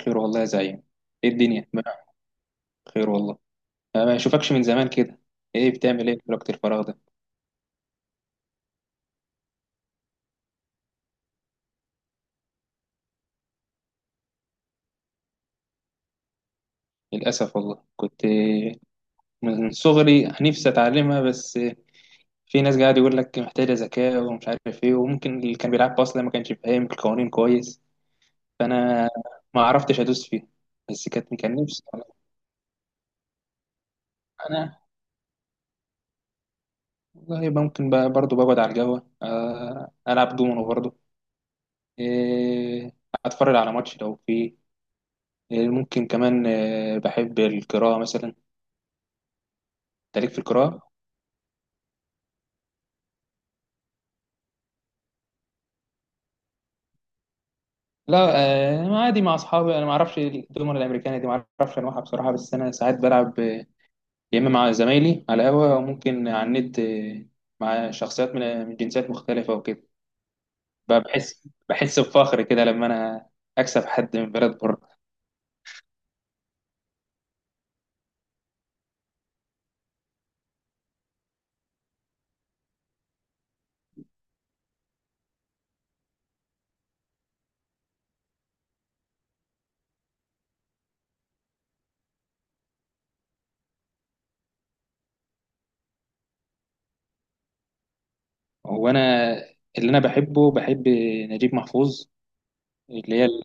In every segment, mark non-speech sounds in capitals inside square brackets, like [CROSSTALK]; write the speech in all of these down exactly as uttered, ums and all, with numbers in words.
خير والله يا زعيم. ايه الدنيا ما- خير والله. ما ما اشوفكش من زمان كده. ايه بتعمل ايه في وقت الفراغ ده؟ للاسف والله، كنت من صغري نفسي اتعلمها، بس في ناس قاعد يقول لك محتاجه ذكاء ومش عارف ايه، وممكن اللي كان بيلعب اصلا ما كانش فاهم القوانين كويس. فانا ما عرفتش ادوس فيها، بس كانت كان نفسي. انا والله يبقى ممكن بقى برضه بقعد على القهوه، آه، العب دومينو برضه. إيه، اتفرج على ماتش لو فيه. ممكن كمان، آه، بحب القراءة مثلا. تاريخ في القراءة. لا، آه، عادي مع أصحابي. أنا ما أعرفش الدومنة الأمريكانية دي، ما أعرفش أنواعها بصراحة، بس أنا ساعات بلعب، آه، يا إما مع زمايلي على القهوة أو ممكن على النت، آه، مع شخصيات من آه، من جنسيات مختلفة وكده. بقى بحس بحس بفخر كده لما أنا أكسب حد من بلد بره. وأنا اللي أنا بحبه، بحب نجيب محفوظ، اللي هي ال-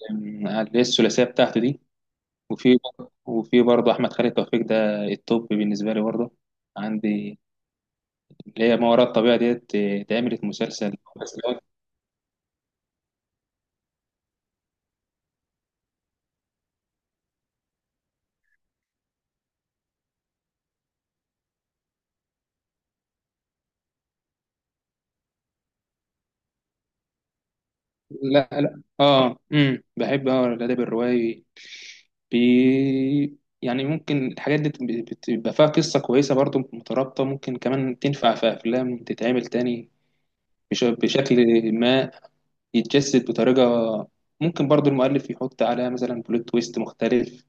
اللي هي الثلاثية بتاعته دي. وفي وفي برضه احمد خالد توفيق، ده التوب بالنسبه لي برضه عندي، اللي هي ما وراء الطبيعه ديت، اتعملت مسلسل بس لو. لا لا، اه امم بحب اه الادب الروائي. بي يعني ممكن الحاجات دي بت- بتبقى فيها قصه كويسه برضه مترابطه، ممكن كمان تنفع في افلام تتعمل تاني بش- بشكل ما يتجسد بطريقه. ممكن برضه المؤلف يحط عليها مثلا بلوت تويست مختلف.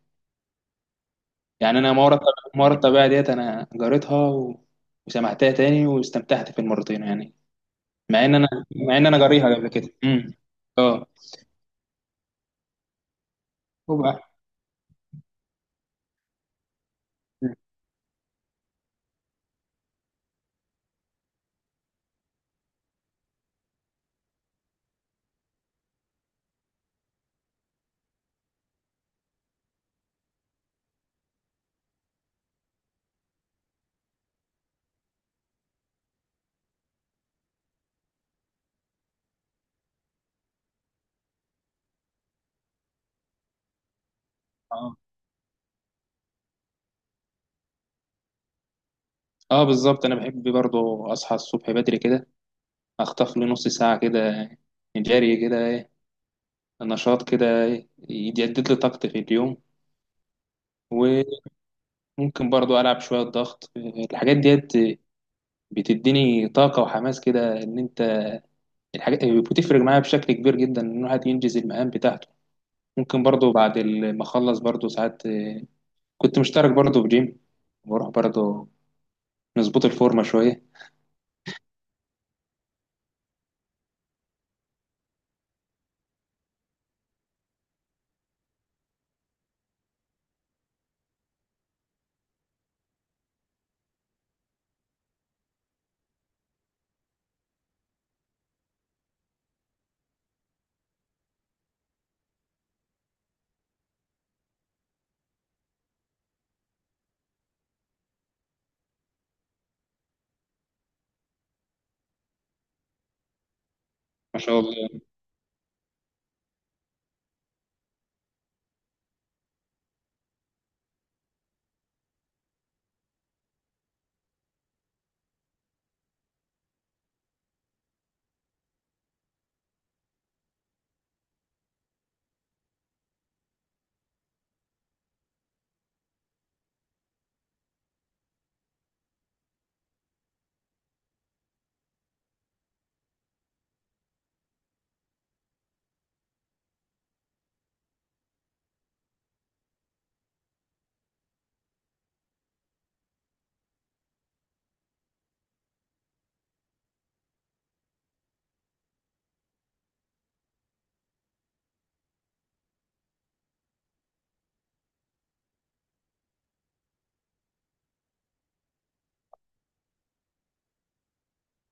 يعني انا مره مره الطبيعه ديت انا جريتها و... وسمعتها تاني واستمتعت في المرتين يعني. مع ان انا مع ان انا جاريها قبل كده. امم اه وبقى. اه آه، بالظبط، انا بحب برضو اصحى الصبح بدري كده، اخطف لي نص ساعه كده، جري كده، نشاط كده، يجدد لي طاقتي في اليوم. وممكن برضو العب شويه ضغط، الحاجات ديت بتديني طاقه وحماس كده، ان انت الحاجات بتفرق معايا بشكل كبير جدا ان الواحد ينجز المهام بتاعته. ممكن برضو بعد ال- ما اخلص برضو ساعات، كنت مشترك برضو في جيم، بروح برضو نظبط الفورمه شويه. ما شاء الله.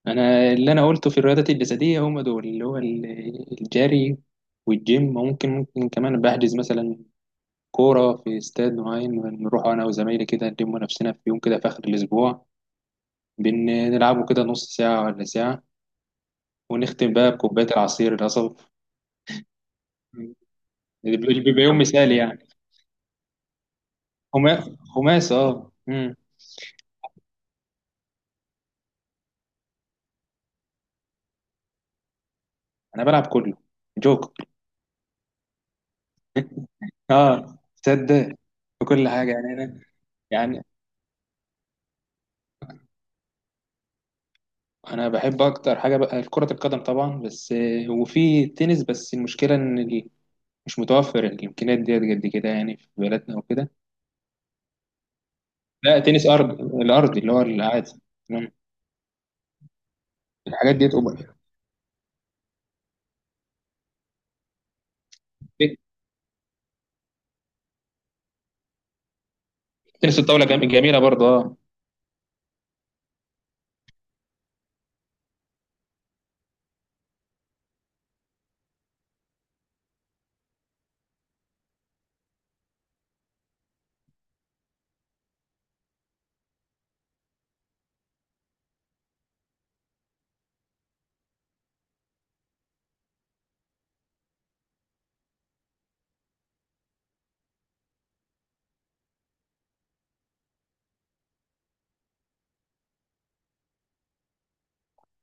انا اللي انا قلته في الرياضات الجسديه هم دول، اللي هو ال- الجري والجيم. ممكن ممكن كمان بحجز مثلا كوره في استاد معين، نروح انا وزمايلي كده نلم نفسنا في يوم كده في اخر الاسبوع، بنلعبه كده نص ساعه ولا ساعه، ونختم بقى بكوبايه العصير القصب. بيبقى بيبقى يوم مثالي يعني. خما- خماس، اه مم. انا بلعب كله، جوكر. اه تصدق. في كل حاجه يعني انا، يعني انا بحب اكتر حاجه بقى كره القدم طبعا، بس، آه، وفي تنس، بس المشكله ان ال- مش متوفر الامكانيات ديت قد كده يعني في بلدنا وكده. لا، تنس ارض الارضي اللي هو العادي. تمام. الحاجات ديت أم- تنس الطاوله جم- جميله برضه، اه.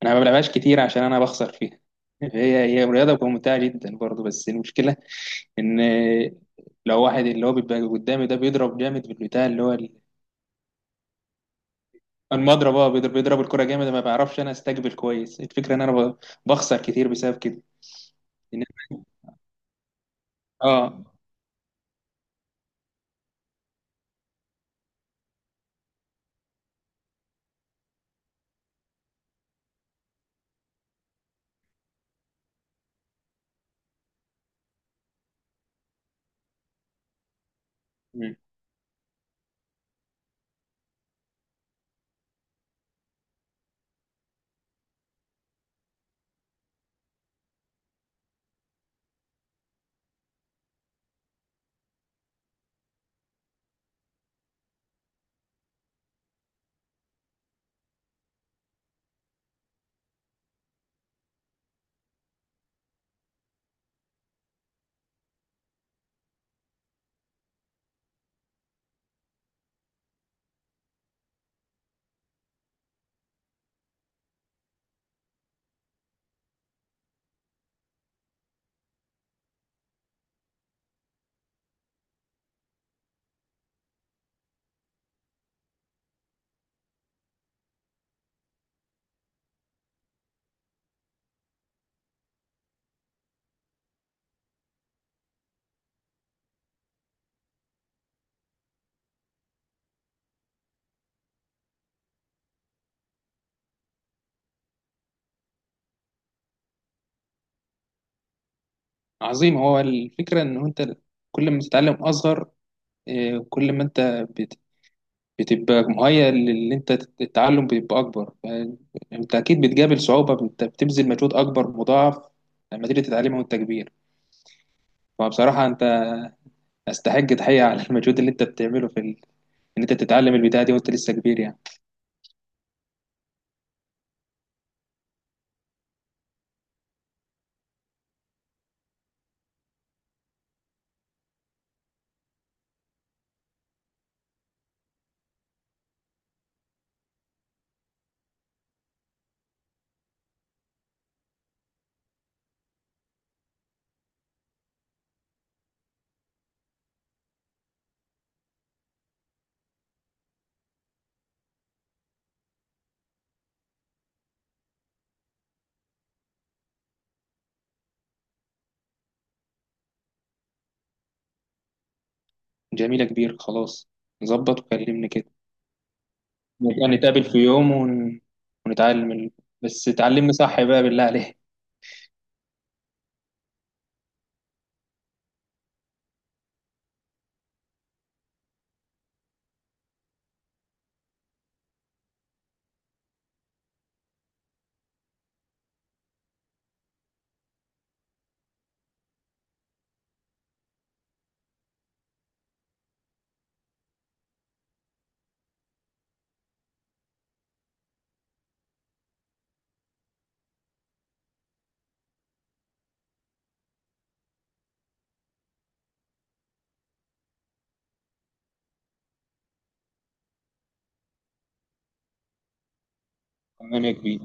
انا ما بلعبهاش كتير عشان انا بخسر فيها [LAUGHS] هي هي رياضه ممتعه جدا برضه، بس المشكله ان، آه، لو واحد اللي هو بيبقى قدامي ده بيضرب جامد بالبتاع اللي هو المضرب. اه، بيضرب بيضرب الكرة جامد، ما بعرفش انا استقبل كويس. الفكرة ان انا ب- بخسر كتير بسبب كده. إن- اه مم. عظيم. هو الفكرة ان هو انت كل ما تتعلم اصغر، آه، كل ما انت بت- بتبقى مهيأ، للي انت تت- التعلم بيبقى اكبر. ف- انت اكيد بتقابل صعوبة، انت بتبذل مجهود اكبر مضاعف لما تيجي تتعلمه وانت كبير. فبصراحة انت استحق تحية على [LAUGHS] المجهود اللي انت بتعمله في ال... ان انت تتعلم البتاعة دي وانت لسه كبير يعني. جميلة كبير، خلاص، ظبط وكلمني كده، نبقى نتقابل في يوم ون... ونتعلم ال... بس تعلمني صح بقى بالله عليك. تمام يا كبير،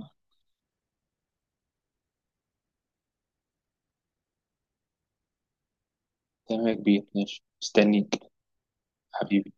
تمام يا كبير، ماشي مستنيك. حبيبي.